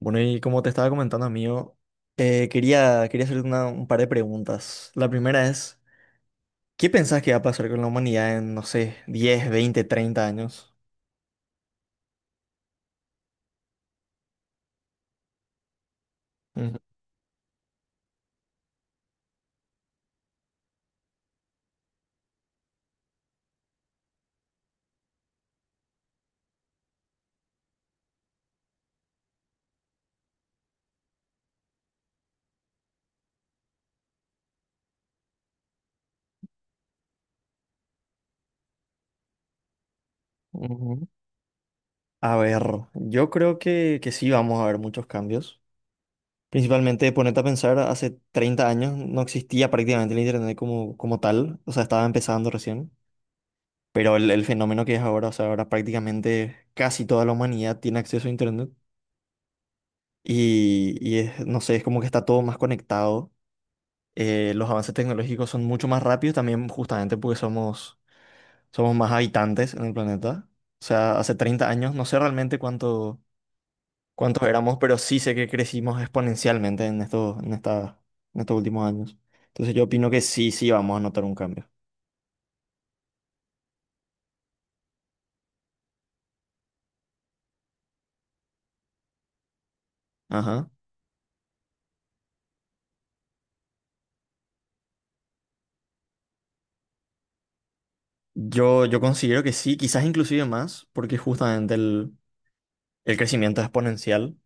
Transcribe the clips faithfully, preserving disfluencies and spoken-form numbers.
Bueno, y como te estaba comentando, amigo, eh, quería, quería hacerte una- un par de preguntas. La primera es, ¿qué pensás que va a pasar con la humanidad en, no sé, diez veinte treinta años? Ujú, ujú. A ver, yo creo que, que sí vamos a ver muchos cambios. Principalmente, ponete a pensar, hace treinta años no existía prácticamente el Internet como, como tal, o sea, estaba empezando recién, pero el, el fenómeno que es ahora, o sea, ahora prácticamente casi toda la humanidad tiene acceso a Internet. y, y es- no sé, es como que está todo más conectado. Eh, los avances tecnológicos son mucho más rápidos también justamente porque somos, somos más habitantes en el planeta. O sea, hace treinta años, no sé realmente cuánto, cuántos éramos, pero sí sé que crecimos exponencialmente en estos, en esta, en estos últimos años. Entonces yo opino que sí, sí vamos a notar un cambio. Ajá. Yo, yo considero que sí, quizás inclusive más, porque justamente el, el crecimiento es exponencial.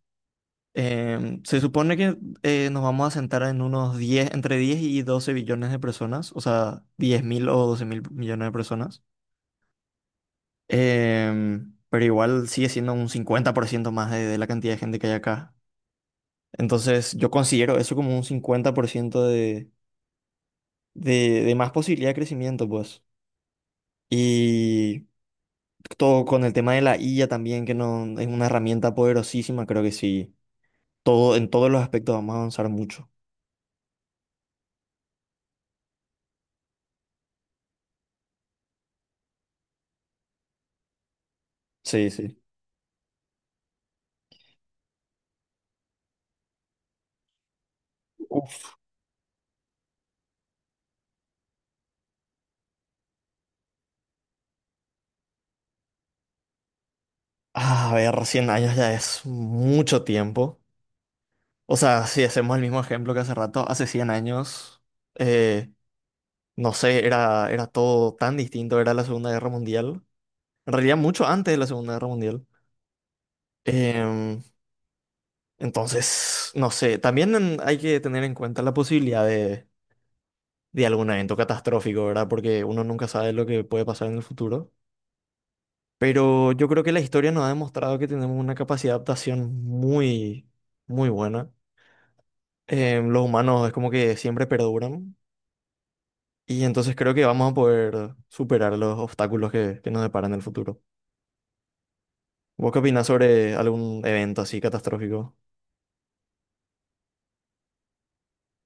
Em, se supone que eh, nos vamos a sentar en unos diez entre diez y doce billones de personas, o sea, diez mil o doce mil millones de personas. Em, pero igual sigue siendo un cincuenta por ciento más de, de la cantidad de gente que hay acá. Entonces, yo considero eso como un cincuenta por ciento de, de, de más posibilidad de crecimiento, pues. Y todo con el tema de la I A también, que no, es una herramienta poderosísima, creo que sí. Todo, en todos los aspectos vamos a avanzar mucho. Sí, sí. Ah, A ver, cien años ya es mucho tiempo. O sea, si hacemos el mismo ejemplo que hace rato, hace cien años, eh, no sé, era, era todo tan distinto, era la Segunda Guerra Mundial. En realidad, mucho antes de la Segunda Guerra Mundial. Em, entonces, no sé, también en- hay que tener en cuenta la posibilidad de, de algún evento catastrófico, ¿verdad? Porque uno nunca sabe lo que puede pasar en el futuro. Pero yo creo que la historia nos ha demostrado que tenemos una capacidad de adaptación muy, muy buena. Eh, los humanos es como que siempre perduran y entonces creo que vamos a poder superar los obstáculos que, que nos deparan en el futuro. ¿Vos qué opinás sobre algún evento así catastrófico?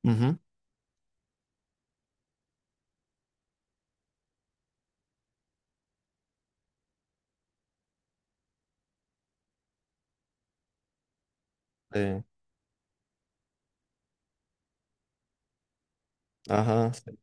Ujú. Sí. Ajá. Sí.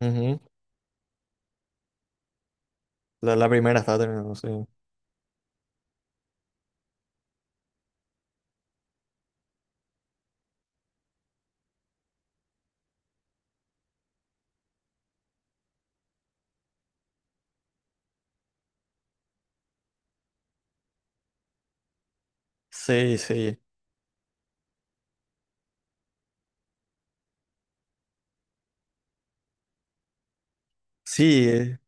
Ujú. La, la primera está terminando, sí. Sí, sí. Sí, eh,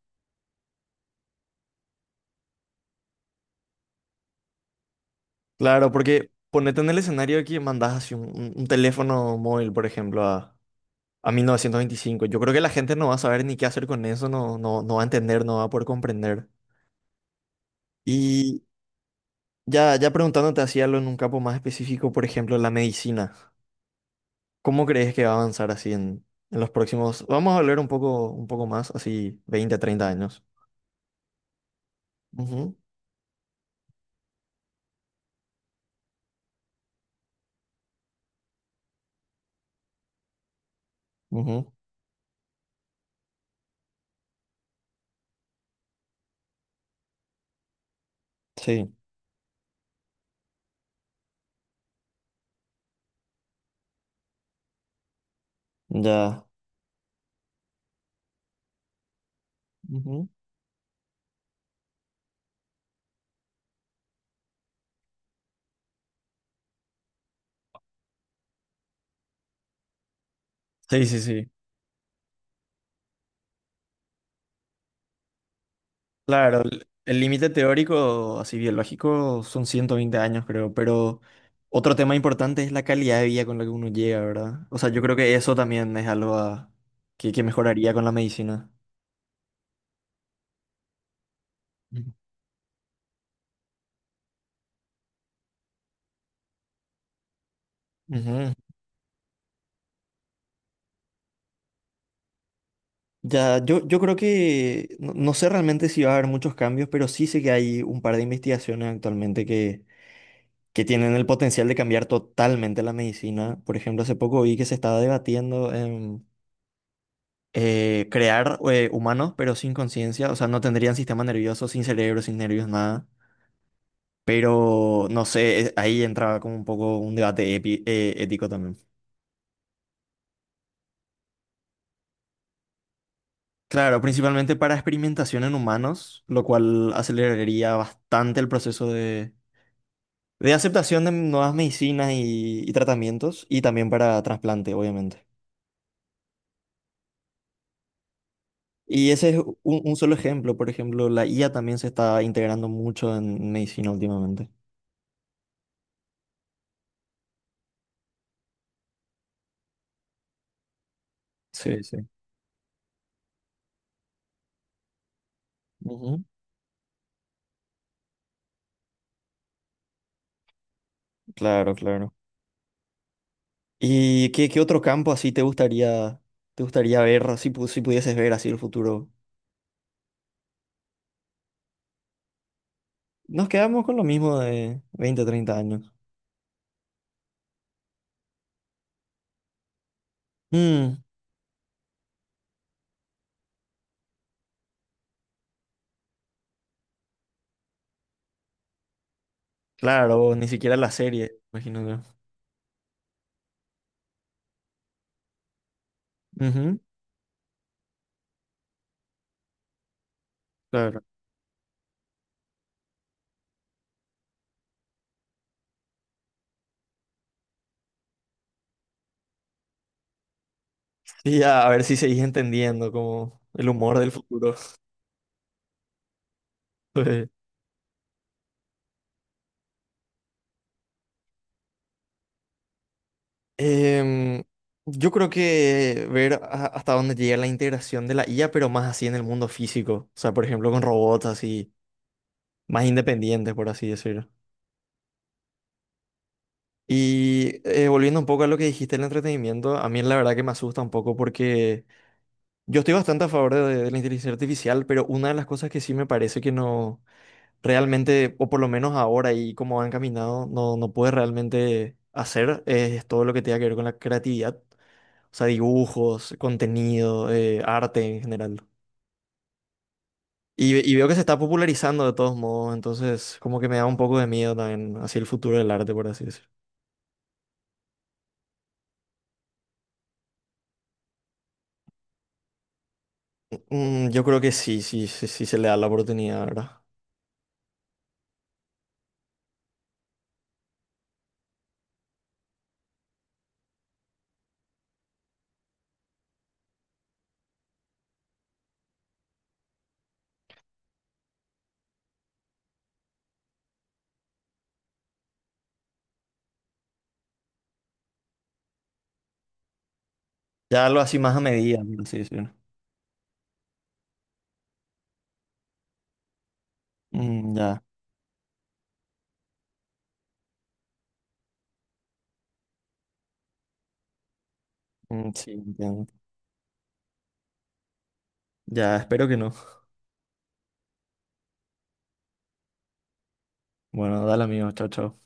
claro, porque ponete en el escenario de que mandás así un, un- un teléfono móvil, por ejemplo, a, a mil novecientos veinticinco. Yo creo que la gente no va a saber ni qué hacer con eso, no, no, no va a entender, no va a poder comprender. y Ya, ya preguntándote así algo en un campo más específico, por ejemplo, la medicina. ¿Cómo crees que va a avanzar así en, en los próximos? Vamos a hablar un poco, un poco más, así veinte, treinta años. Ujú, ujú. Sí, ya. Ujú. Sí, sí, sí. Claro, el el límite teórico, así biológico, son ciento veinte años, creo, pero otro tema importante es la calidad de vida con la que uno llega, ¿verdad? O sea, yo creo que eso también es algo a- que, que mejoraría con la medicina. Ujú. Ya, yo, yo creo que no, no sé realmente si va a haber muchos cambios, pero sí sé que hay un par de investigaciones actualmente que, que tienen el potencial de cambiar totalmente la medicina. Por ejemplo, hace poco vi que se estaba debatiendo en eh, crear eh, humanos, pero sin conciencia, o sea, no tendrían sistema nervioso, sin cerebro, sin nervios, nada. Pero no sé, eh, ahí entraba como un poco un debate epi- eh, ético también. Claro, principalmente para experimentación en humanos, lo cual aceleraría bastante el proceso de De aceptación de nuevas medicinas y, y tratamientos y también para trasplante, obviamente. Y ese es un, un solo ejemplo. Por ejemplo, la I A también se está integrando mucho en medicina últimamente. Sí, sí. Ujú. Claro, claro. ¿Y qué, qué otro campo así te gustaría, te gustaría ver, si, pu- si pudieses ver así el futuro? Nos quedamos con lo mismo de veinte treinta años. Mm, claro, ni siquiera la serie, imagino yo. Ujú, claro. Sí, a, a ver si seguís entendiendo como el humor del futuro. Em, yo creo que ver a- hasta dónde llega la integración de la I A, pero más así en el mundo físico. O sea, por ejemplo, con robots así, más independientes, por así decirlo. Y eh, volviendo un poco a lo que dijiste del entretenimiento, a mí la verdad que me asusta un poco porque yo estoy bastante a favor de, de la inteligencia artificial, pero una de las cosas que sí me parece que no realmente, o por lo menos ahora y como han caminado, no, no puede realmente hacer es todo lo que tenga que ver con la creatividad. O sea, dibujos, contenido, eh, arte en general. Y, y veo que se está popularizando de todos modos, entonces como que me da un poco de miedo también hacia el futuro del arte, por así decirlo. Mm, yo creo que sí, sí, sí, sí se le da la oportunidad, ¿verdad? Ya algo así más a medida, por así decirlo. Mm, ya. Mm, sí, entiendo. Ya, espero que no. Bueno, dale amigo, chao, chao.